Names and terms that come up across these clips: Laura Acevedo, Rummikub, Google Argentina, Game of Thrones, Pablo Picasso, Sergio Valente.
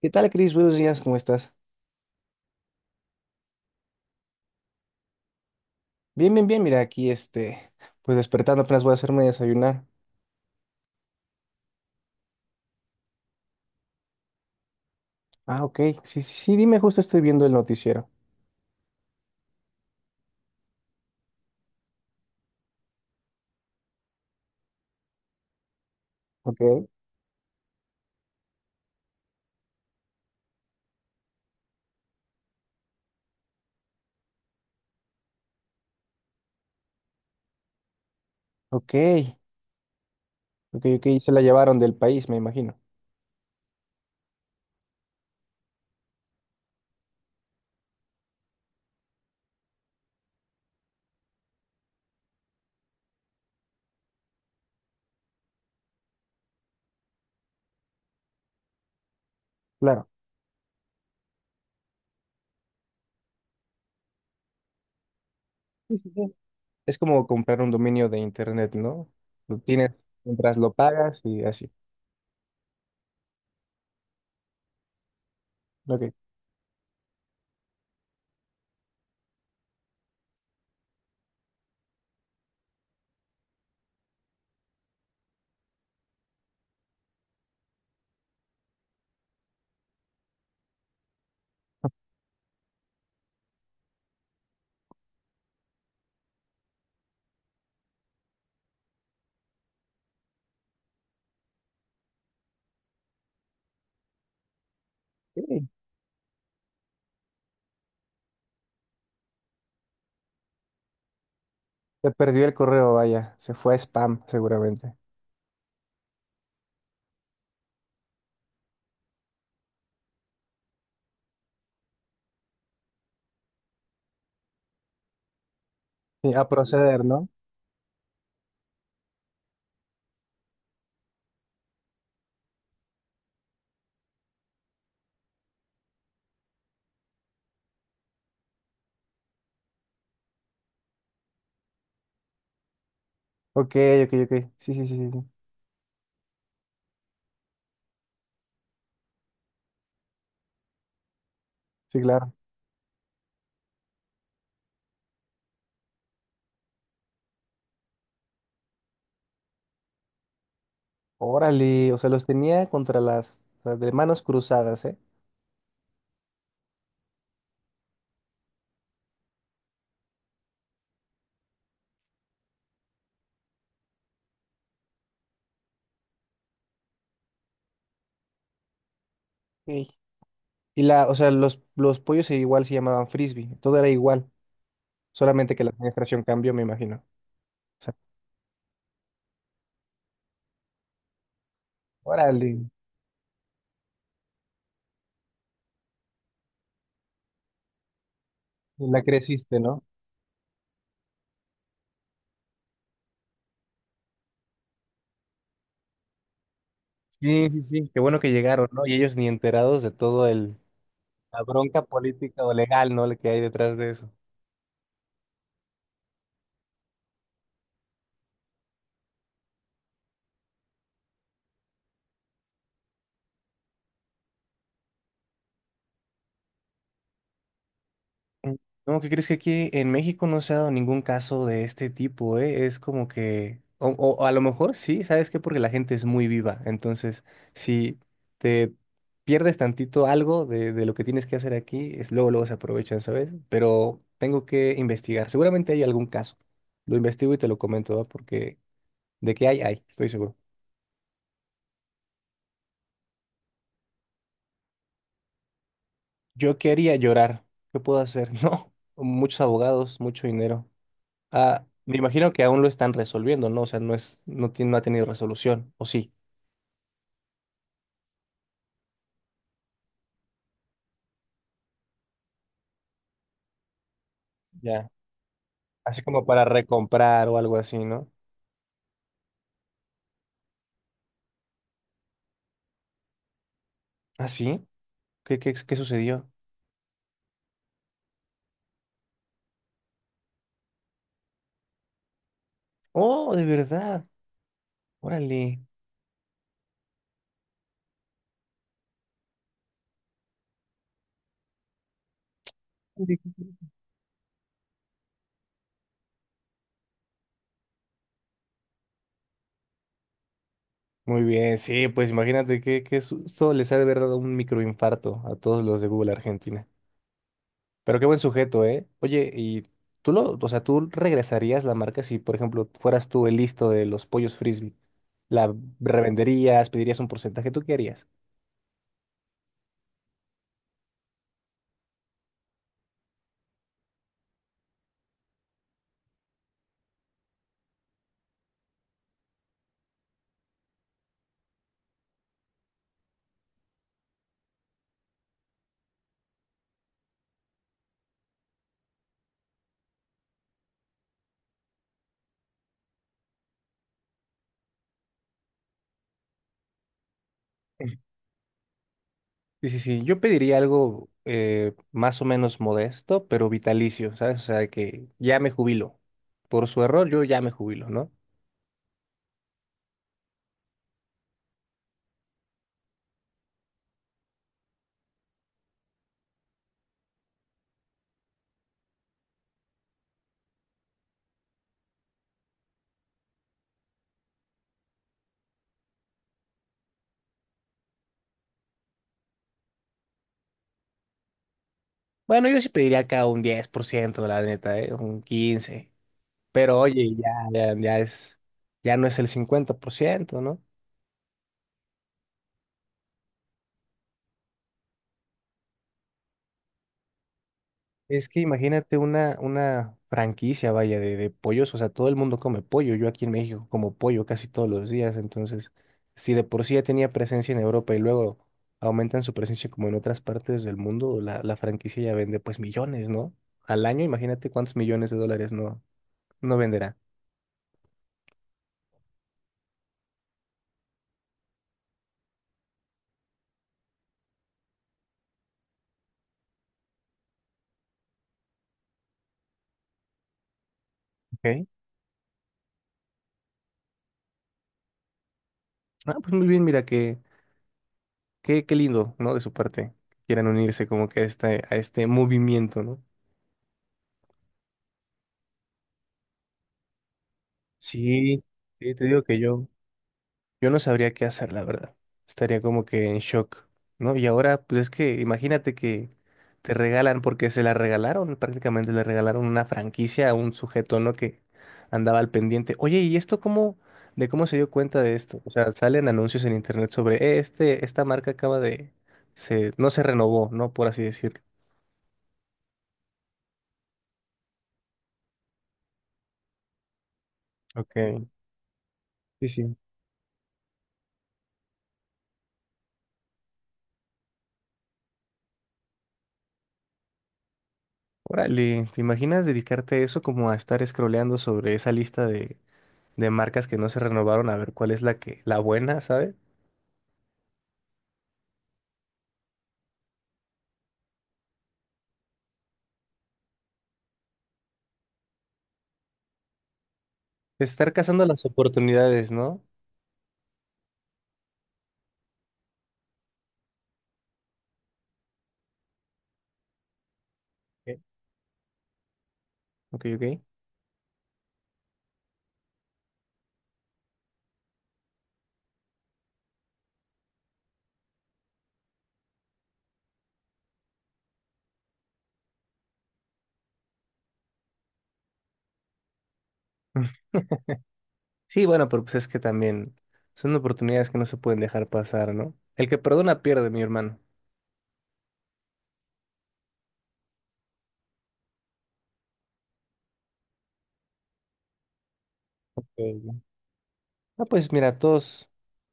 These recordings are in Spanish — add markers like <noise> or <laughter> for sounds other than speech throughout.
¿Qué tal, Cris? Buenos días, ¿cómo estás? Bien, bien, bien, mira, pues despertando, apenas voy a hacerme desayunar. Ah, ok, sí, sí, sí, dime, justo estoy viendo el noticiero. Ok. Ok, ok, ok, se la llevaron del país, me imagino. Claro. Sí, sí, sí. Es como comprar un dominio de internet, ¿no? Lo tienes mientras lo pagas y así. Ok. Sí. Se perdió el correo, vaya, se fue a spam seguramente. Sí, a proceder, ¿no? Ok, ok, ok, sí, sí, sí, sí, sí, sí, claro. Órale, o sea, los tenía contra las de manos cruzadas, ¿eh? Sí. Y la, o sea, los pollos igual se llamaban frisbee, todo era igual, solamente que la administración cambió, me imagino. O sea, órale, la creciste, ¿no? Sí, sí, sí, qué bueno que llegaron, ¿no? Y ellos ni enterados de todo el, la bronca política o legal, ¿no? La que hay detrás de eso. Mm, no, ¿qué crees que aquí en México no se ha dado ningún caso de este tipo, eh? Es como que, o a lo mejor sí, ¿sabes qué? Porque la gente es muy viva. Entonces, si te pierdes tantito algo de lo que tienes que hacer aquí, es luego, luego se aprovechan, ¿sabes? Pero tengo que investigar. Seguramente hay algún caso. Lo investigo y te lo comento, ¿va? Porque de que hay, estoy seguro. Yo quería llorar. ¿Qué puedo hacer? <laughs> No, muchos abogados, mucho dinero. Ah, me imagino que aún lo están resolviendo, ¿no? O sea, no es, no tiene, no ha tenido resolución, ¿o sí? Ya. Así como para recomprar o algo así, ¿no? ¿Ah, sí? ¿Qué, qué, qué sucedió? Oh, de verdad. Órale. Muy bien, sí, pues imagínate qué, qué susto les ha de haber dado un microinfarto a todos los de Google Argentina. Pero qué buen sujeto, ¿eh? Oye, y tú lo, o sea, tú regresarías la marca si, por ejemplo, fueras tú el listo de los pollos frisbee. ¿La revenderías? ¿Pedirías un porcentaje? ¿Tú qué harías? Sí, sí, sí. Yo pediría algo más o menos modesto, pero vitalicio, ¿sabes? O sea, de que ya me jubilo. Por su error, yo ya me jubilo, ¿no? Bueno, yo sí pediría acá un 10%, la neta, ¿eh? Un 15%. Pero oye, ya, ya, ya es, ya no es el 50%, ¿no? Es que imagínate una franquicia, vaya, de pollos, o sea, todo el mundo come pollo, yo aquí en México como pollo casi todos los días, entonces, si de por sí ya tenía presencia en Europa y luego aumentan su presencia como en otras partes del mundo, la franquicia ya vende pues millones, ¿no? Al año, imagínate cuántos millones de dólares no, no venderá. Ok. Ah, pues muy bien, mira, qué, qué, qué lindo, ¿no? De su parte, que quieran unirse como que a este movimiento, ¿no? Sí, sí, te digo que yo... Yo no sabría qué hacer, la verdad. Estaría como que en shock, ¿no? Y ahora, pues es que imagínate que te regalan, porque se la regalaron, prácticamente le regalaron una franquicia a un sujeto, ¿no? Que andaba al pendiente. Oye, ¿y esto cómo, de cómo se dio cuenta de esto? O sea, salen anuncios en internet sobre, este, esta marca acaba de, se, no se renovó, ¿no?" Por así decirlo. Ok, sí, sí. Órale, ¿te imaginas dedicarte a eso como a estar scrolleando sobre esa lista de marcas que no se renovaron a ver cuál es la que, la buena, sabe. Estar cazando las oportunidades, ¿no? Ok, ok, ok. Mm. Sí, bueno, pero pues es que también son oportunidades que no se pueden dejar pasar, ¿no? El que perdona pierde, mi hermano. Ok. Ah, pues mira, todos,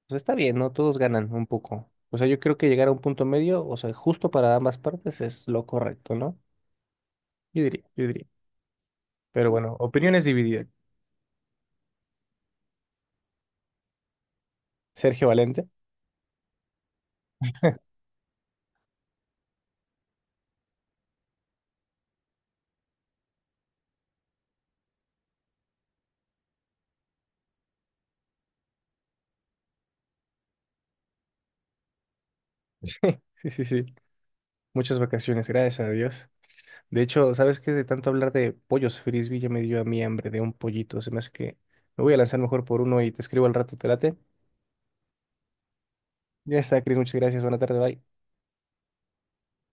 pues está bien, ¿no? Todos ganan un poco. O sea, yo creo que llegar a un punto medio, o sea, justo para ambas partes es lo correcto, ¿no? Yo diría, yo diría. Pero bueno, opiniones divididas. Sergio Valente. Sí, sí, sí. Muchas vacaciones, gracias a Dios. De hecho, ¿sabes qué? De tanto hablar de pollos frisbee ya me dio a mí hambre de un pollito. Se me hace que me voy a lanzar mejor por uno y te escribo al rato, ¿te late? Ya está, Cris, muchas gracias. Buena tarde, bye.